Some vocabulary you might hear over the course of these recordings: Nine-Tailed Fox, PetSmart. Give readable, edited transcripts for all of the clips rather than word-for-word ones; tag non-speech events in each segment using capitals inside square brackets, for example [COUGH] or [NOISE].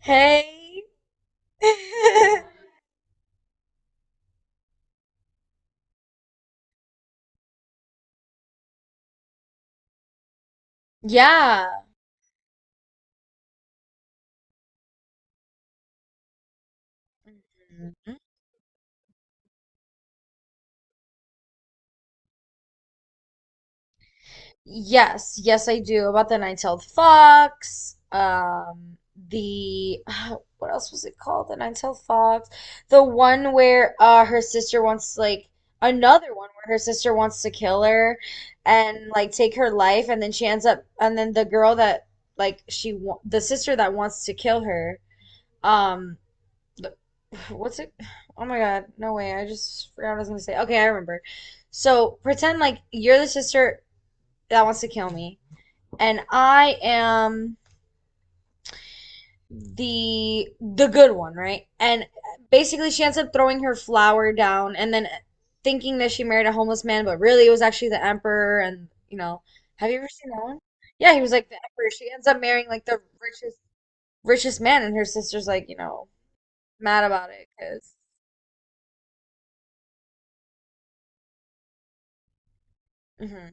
Hey. [LAUGHS] Yeah. Mhm. Yes, yes, I do. About the Nine-Tailed Fox. The [SIGHS] what else was it called? The Nine-Tailed Fox. The one where her sister wants like another one where her sister wants to kill her and like take her life and then she ends up and then the girl that like she wa the sister that wants to kill her um what's it? Oh my God. No way. I just forgot what I was gonna say. Okay, I remember. So pretend like you're the sister that wants to kill me, and I am the good one, right? And basically she ends up throwing her flower down and then thinking that she married a homeless man, but really it was actually the emperor and have you ever seen that one? Yeah, he was like the emperor. She ends up marrying like the richest man and her sister's like, you know, mad about it because. Mm-hmm.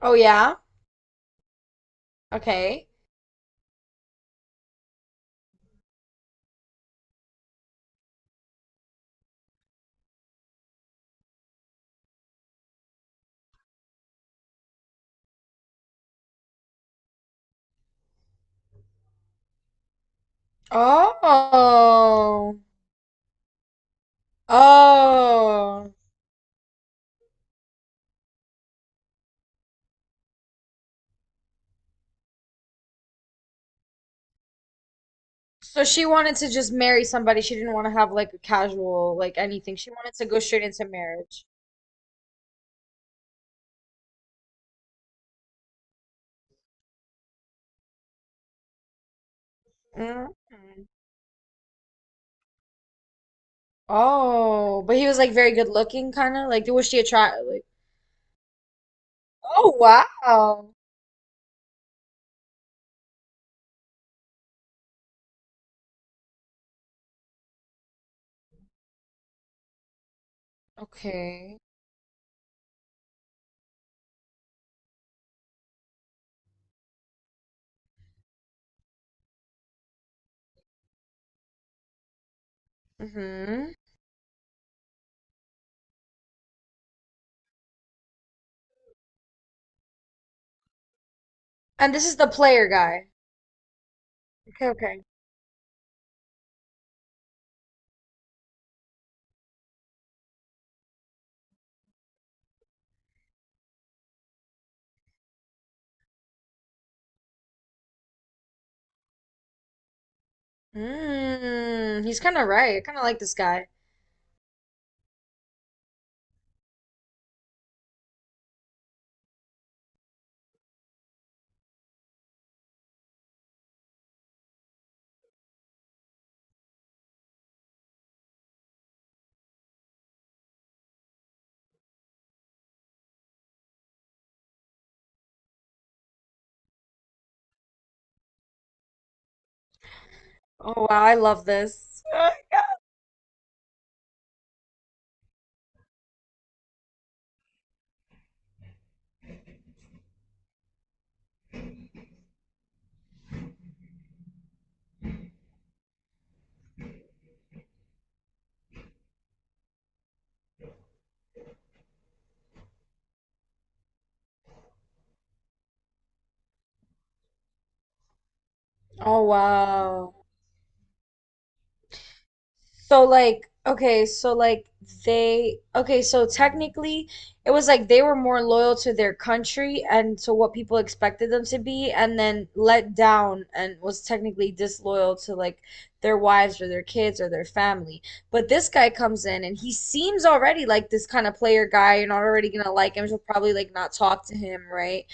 Oh yeah? Okay. Oh. Oh. So she wanted to just marry somebody. She didn't want to have like a casual, like anything. She wanted to go straight into marriage. Mm. Oh, but he was like very good looking, kind of like was she attract like? Oh wow. Okay. Mm-hmm. And this is the player guy. Okay, okay. Mm, he's kind of right. I kind of like this guy. Oh wow, I love this. [LAUGHS] Oh wow. So like okay, so like they okay, so technically it was like they were more loyal to their country and to what people expected them to be and then let down and was technically disloyal to like their wives or their kids or their family. But this guy comes in and he seems already like this kind of player guy. You're not already gonna like him. She'll probably like not talk to him, right?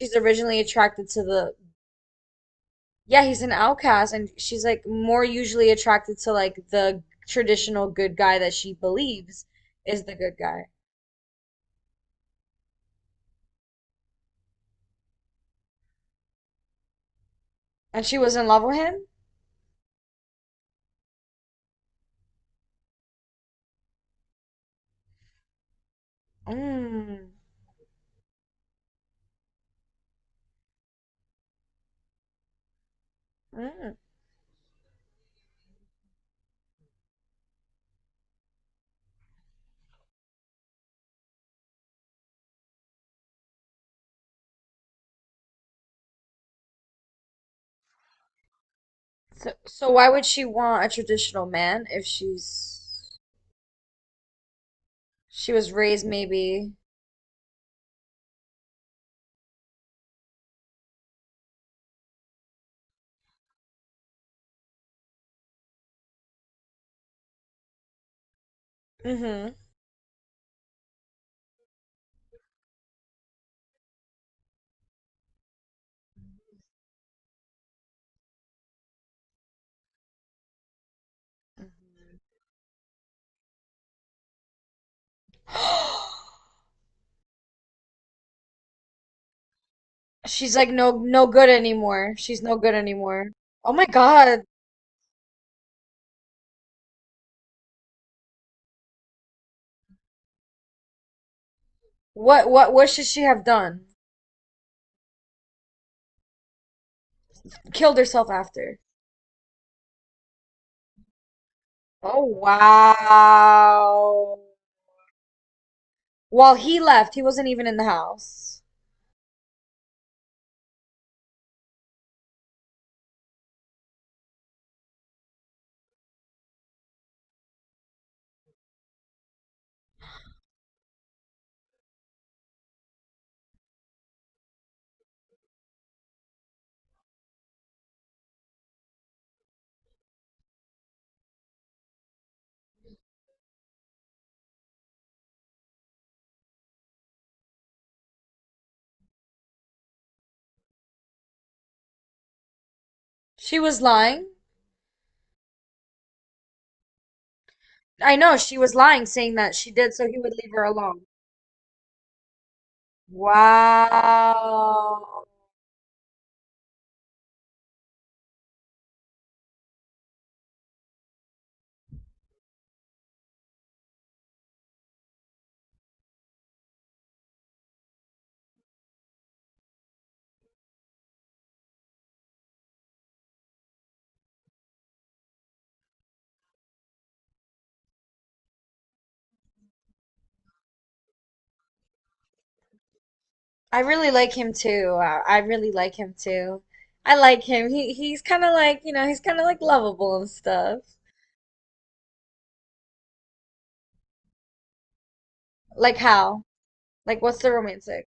She's originally attracted to the yeah, he's an outcast, and she's like more usually attracted to like the traditional good guy that she believes is the good guy. And she was in love with him? Mm. Mm. So, so why would she want a traditional man if she's she was raised maybe? Mm-hmm. [GASPS] She's like no no good anymore. She's no good anymore. Oh my God. What should she have done? Killed herself after. Oh wow. While he left, he wasn't even in the house. She was lying. I know she was lying, saying that she did so he would leave her alone. Wow. I really like him too. I really like him too. I like him. He he's kind of like, you know, he's kind of like lovable and stuff. Like how? Like what's the romantic?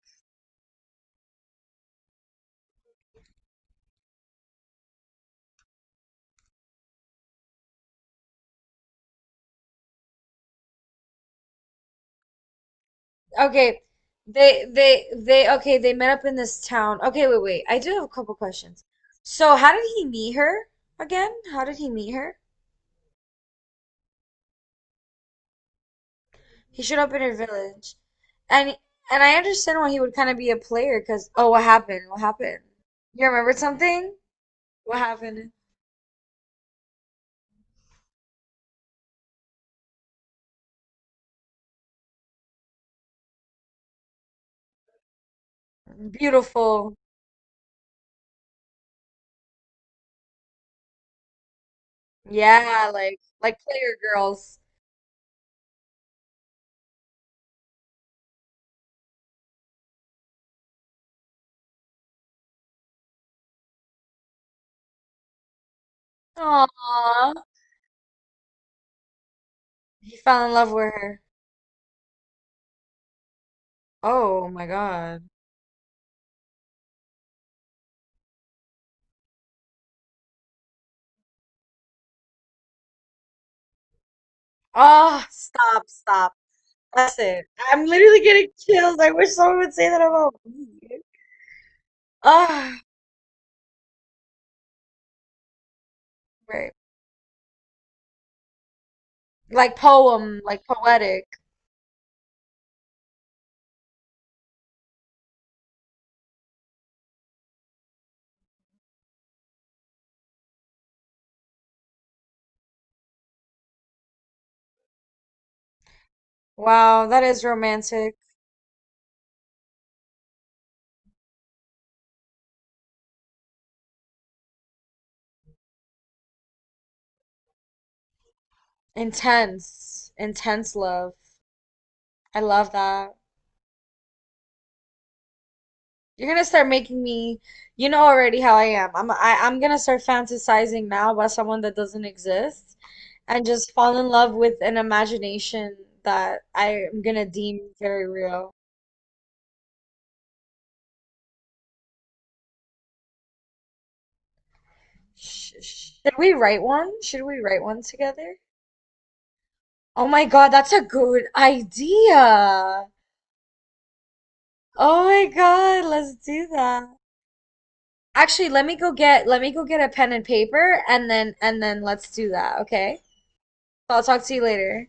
Okay. They okay, they met up in this town. Okay, wait, wait. I do have a couple questions. So, how did he meet her again? How did he meet her? He showed up in her village, and and I understand why he would kind of be a player. Cause oh, what happened? What happened? You remembered something? What happened? Beautiful. Yeah, like player girls. Aww. He fell in love with her. Oh my God. Oh, stop, stop. That's it. I'm literally getting chills. I wish someone would say that about me. Ah, right. Like poem, like poetic. Wow, that is romantic. Intense, intense love. I love that. You're gonna start making me, you know already how I am. I'm gonna start fantasizing now about someone that doesn't exist and just fall in love with an imagination that I am gonna deem very real. Sh- sh- should we write one? Should we write one together? Oh my God, that's a good idea. Oh my God, let's do that. Actually, let me go get a pen and paper and then let's do that, okay? I'll talk to you later.